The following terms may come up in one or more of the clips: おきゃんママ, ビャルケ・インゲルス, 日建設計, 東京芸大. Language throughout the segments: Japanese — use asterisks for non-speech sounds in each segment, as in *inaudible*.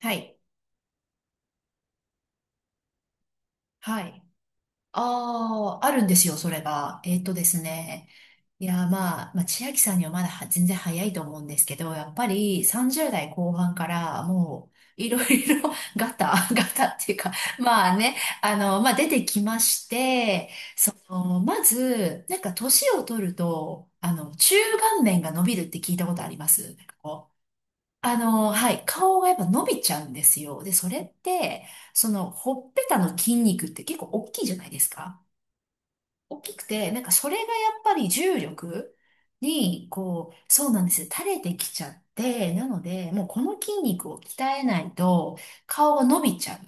はい。はい。ああ、あるんですよ、それが。えっとですね。いや、まあ、千秋さんにはまだは全然早いと思うんですけど、やっぱり30代後半からもう、いろいろ *laughs* ガタ、*laughs* ガタっていうか、まあね、まあ出てきまして、まず、なんか年を取ると、中顔面が伸びるって聞いたことあります。なんかこう、はい、顔がやっぱ伸びちゃうんですよ。で、それって、ほっぺたの筋肉って結構大きいじゃないですか。大きくて、なんかそれがやっぱり重力に、こう、そうなんですよ。垂れてきちゃって、なので、もうこの筋肉を鍛えないと、顔が伸びちゃう。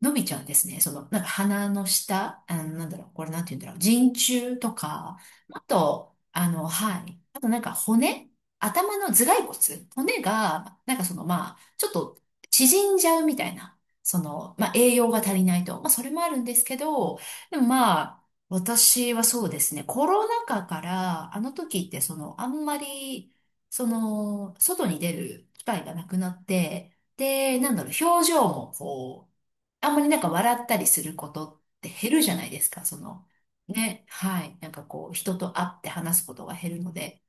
のびちゃうんですね。なんか鼻の下、なんだろう、これなんて言うんだろう、人中とか、あと、はい。あとなんか骨、頭の頭蓋骨、骨が、なんかその、まあ、ちょっと縮んじゃうみたいな、まあ、栄養が足りないと。まあ、それもあるんですけど、でもまあ、私はそうですね、コロナ禍から、あの時ってその、あんまり、外に出る機会がなくなって、で、なんだろう、表情もこう、あんまりなんか笑ったりすることって減るじゃないですか、その、ね、はい、なんかこう、人と会って話すことが減るので、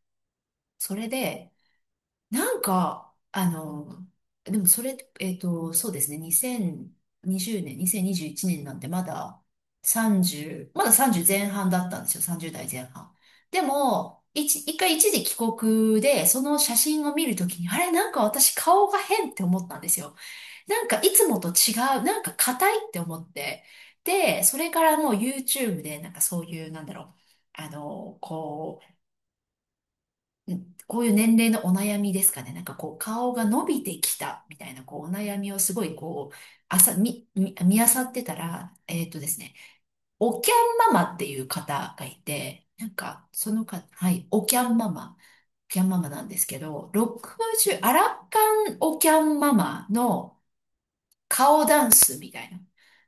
それで、なんか、でもそれ、そうですね、2020年、2021年なんてまだ30、まだ30前半だったんですよ、30代前半。でも、一回一時帰国で、その写真を見るときに、あれ、なんか私顔が変って思ったんですよ。なんかいつもと違う、なんか硬いって思って。で、それからもう YouTube でなんかそういう、なんだろう、あの、こう、んこういう年齢のお悩みですかね。なんかこう顔が伸びてきたみたいなこうお悩みをすごいこう、あさ、み、み、見漁ってたら、えっとですね、おきゃんママっていう方がいて、なんかその方、はい、おきゃんママ、おきゃんママなんですけど、60、アラ還おきゃんママの顔ダンスみたいな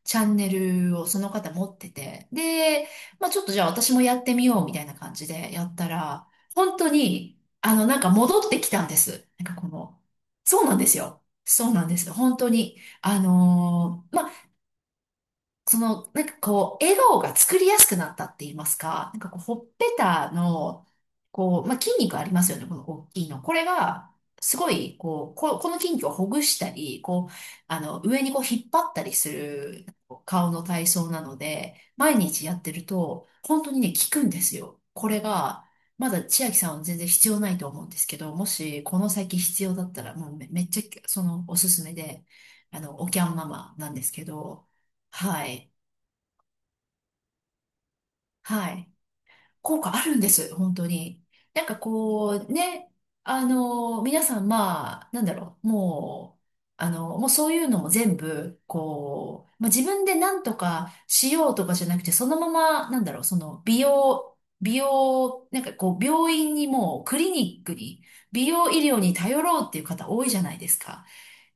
チャンネルをその方持ってて、で、まあちょっとじゃあ私もやってみようみたいな感じでやったら、本当に、なんか戻ってきたんです。なんかこの、そうなんですよ。そうなんです。本当に。まあその、なんかこう、笑顔が作りやすくなったって言いますか、なんかこう、ほっぺたの、こう、まあ、筋肉ありますよね、この大きいの。これが、すごい、こう、この筋肉をほぐしたり、こう、上にこう、引っ張ったりする顔の体操なので、毎日やってると、本当にね、効くんですよ。これが、まだ千秋さんは全然必要ないと思うんですけど、もし、この先必要だったら、もうめ、めっちゃ、おすすめで、おキャンママなんですけど、はい。はい。効果あるんです、本当に。なんかこう、ね、皆さん、まあ、なんだろう、もう、もうそういうのも全部、こう、まあ、自分で何とかしようとかじゃなくて、そのまま、なんだろう、その、美容、なんかこう、病院にもう、クリニックに、美容医療に頼ろうっていう方多いじゃないですか。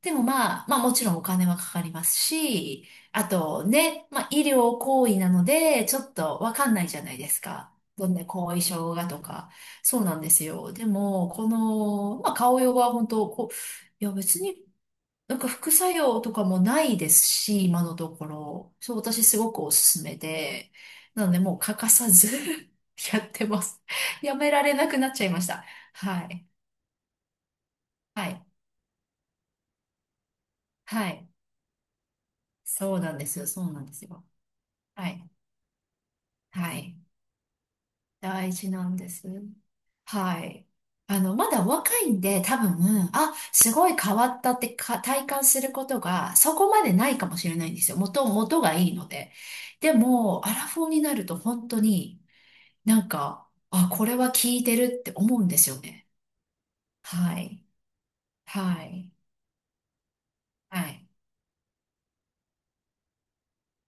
でもまあ、まあもちろんお金はかかりますし、あとね、まあ医療行為なので、ちょっとわかんないじゃないですか。どんな後遺症がとか。そうなんですよ。でも、この、まあ顔用は本当、こう、いや別になんか副作用とかもないですし、今のところ。そう、私すごくおすすめで。なのでもう欠かさず *laughs* やってます。やめられなくなっちゃいました。はい。はい。はい。そうなんですよ。そうなんですよ。はい。はい。大事なんです。はい。まだ若いんで、多分、あ、すごい変わったってか体感することが、そこまでないかもしれないんですよ。元がいいので。でも、アラフォーになると本当になんか、あ、これは効いてるって思うんですよね。はい。はい。はい。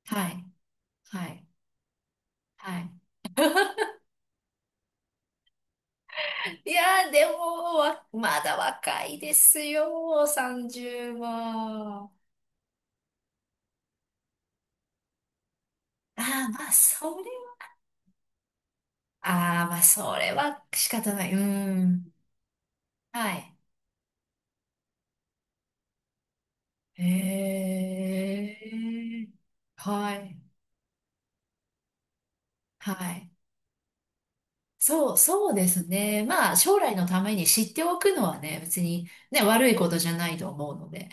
はい。はい。はい。いやー、でも、まだ若いですよ、30は。ああ、まあ、それああ、まあ、それは仕方ない。うん。はい。へえ。はい。はい。そう、そうですね。まあ、将来のために知っておくのはね、別にね、悪いことじゃないと思うので。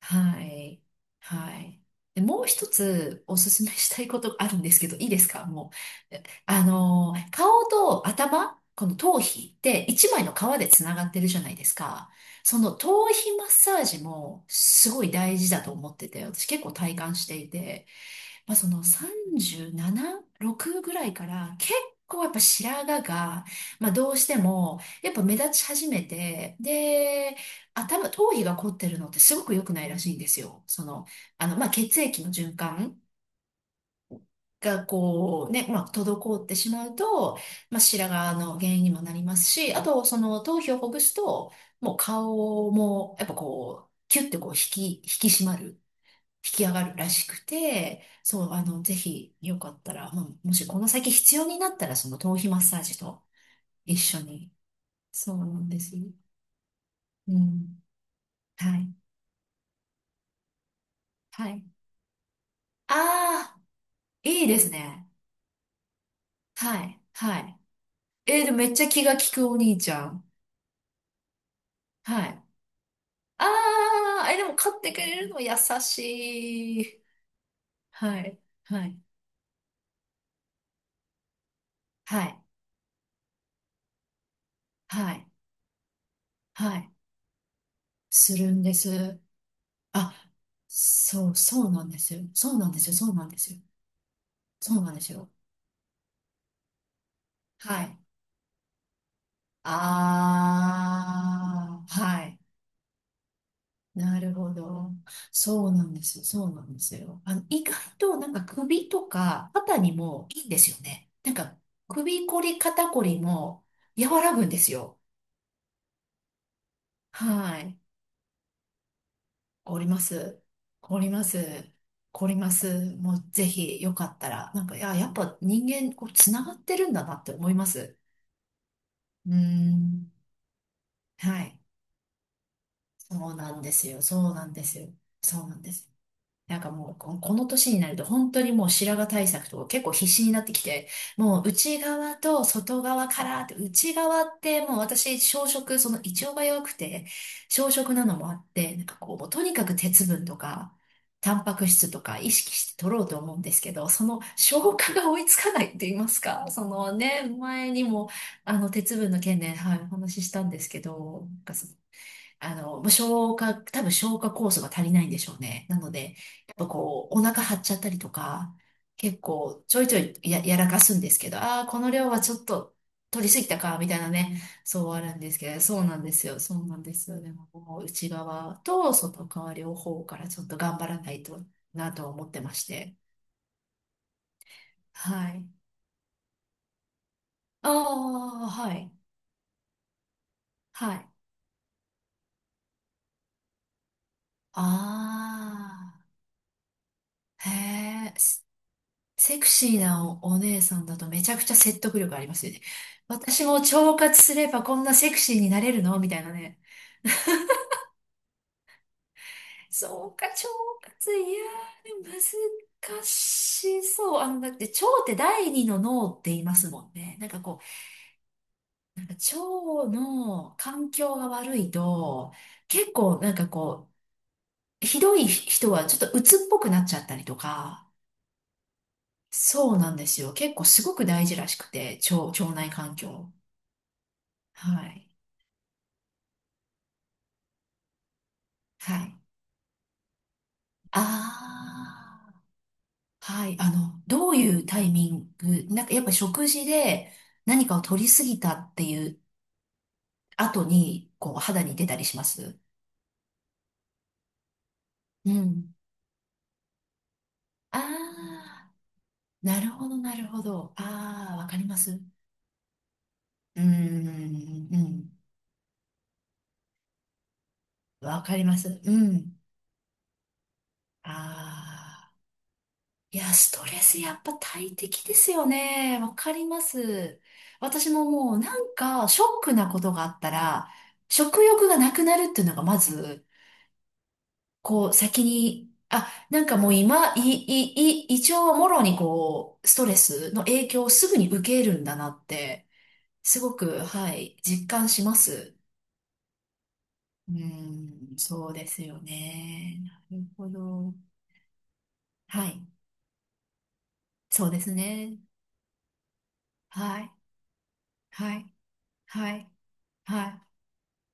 はい。はい。で、もう一つおすすめしたいことがあるんですけど、いいですかもう。えあのー、顔と頭、この頭皮って一枚の皮でつながってるじゃないですか。その頭皮マッサージもすごい大事だと思ってて、私結構体感していて。まあ、その37、6ぐらいから結構やっぱ白髪が、まあ、どうしてもやっぱ目立ち始めて、で、頭皮が凝ってるのってすごく良くないらしいんですよ。その、まあ、血液の循環がこうね、まあ、滞ってしまうと、まあ、白髪の原因にもなりますし、あと、その頭皮をほぐすと、もう顔も、やっぱこう、キュッてこう引き締まる。引き上がるらしくて、そう、ぜひ、よかったら、もうもしこの先必要になったら、その頭皮マッサージと一緒に。そうなんですよ。うん。はい。はい。ああ、いいですね。はい。はい。えー、でもめっちゃ気が利くお兄ちゃん。はい。ああ、え、でも買ってくれるの優しい。はい。はい。はい。はい。はい。するんです。あ、そう、そうなんですよ。そうなんですよ。そうなんですよ。そうなんですよ。はい。ああ、はい。なるほど。そうなんですよ。そうなんですよ。意外となんか首とか肩にもいいんですよね。なんか首こり肩こりも和らぐんですよ。はい。おります。おります。おります。もうぜひよかったら。なんか、いや、やっぱ人間こうつながってるんだなって思います。うーん。はい。そうなんですよ。そうなんですよ。そうなんです。なんかもう、ここの年になると本当にもう白髪対策とか結構必死になってきて、もう内側と外側からって、内側ってもう私、小食、その胃腸が弱くて、小食なのもあって、なんかこう、もうとにかく鉄分とか、タンパク質とか意識して取ろうと思うんですけど、その消化が追いつかないって言いますか、そのね、前にも、鉄分の件で、はい、お話ししたんですけど、なんかそあの、もう多分消化酵素が足りないんでしょうね。なので、やっぱこう、お腹張っちゃったりとか、結構ちょいちょいやらかすんですけど、ああ、この量はちょっと取りすぎたか、みたいなね、そうあるんですけど、そうなんですよ、そうなんですよ。でも、もう内側と外側両方からちょっと頑張らないとなと思ってまして。はい。ああ、はい。はい。ああ、へえ。セクシーなお、お姉さんだとめちゃくちゃ説得力ありますよね。私も腸活すればこんなセクシーになれるのみたいなね。そうか、腸活、いやー、でも難しそう。だって腸って第二の脳って言いますもんね。なんかこう、なんか腸の環境が悪いと、結構なんかこう、ひどい人はちょっと鬱っぽくなっちゃったりとか、そうなんですよ。結構すごく大事らしくて、腸内環境。はい。はい。ああ、はい。どういうタイミング、なんかやっぱ食事で何かを取りすぎたっていう後に、こう、肌に出たりしますうん。ああ、なるほど、なるほど。ああ、わかります。うーん、うん。わかります。うん。ああ、いや、ストレスやっぱ大敵ですよね。わかります。私ももうなんか、ショックなことがあったら、食欲がなくなるっていうのがまず、こう、先に、あ、なんかもう今、い、い、い、胃腸はもろにこう、ストレスの影響をすぐに受けるんだなって、すごく、はい、実感します。うーん、そうですよね。なるほど。はい、そうですね。はい、はい、はい、はい、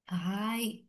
はい。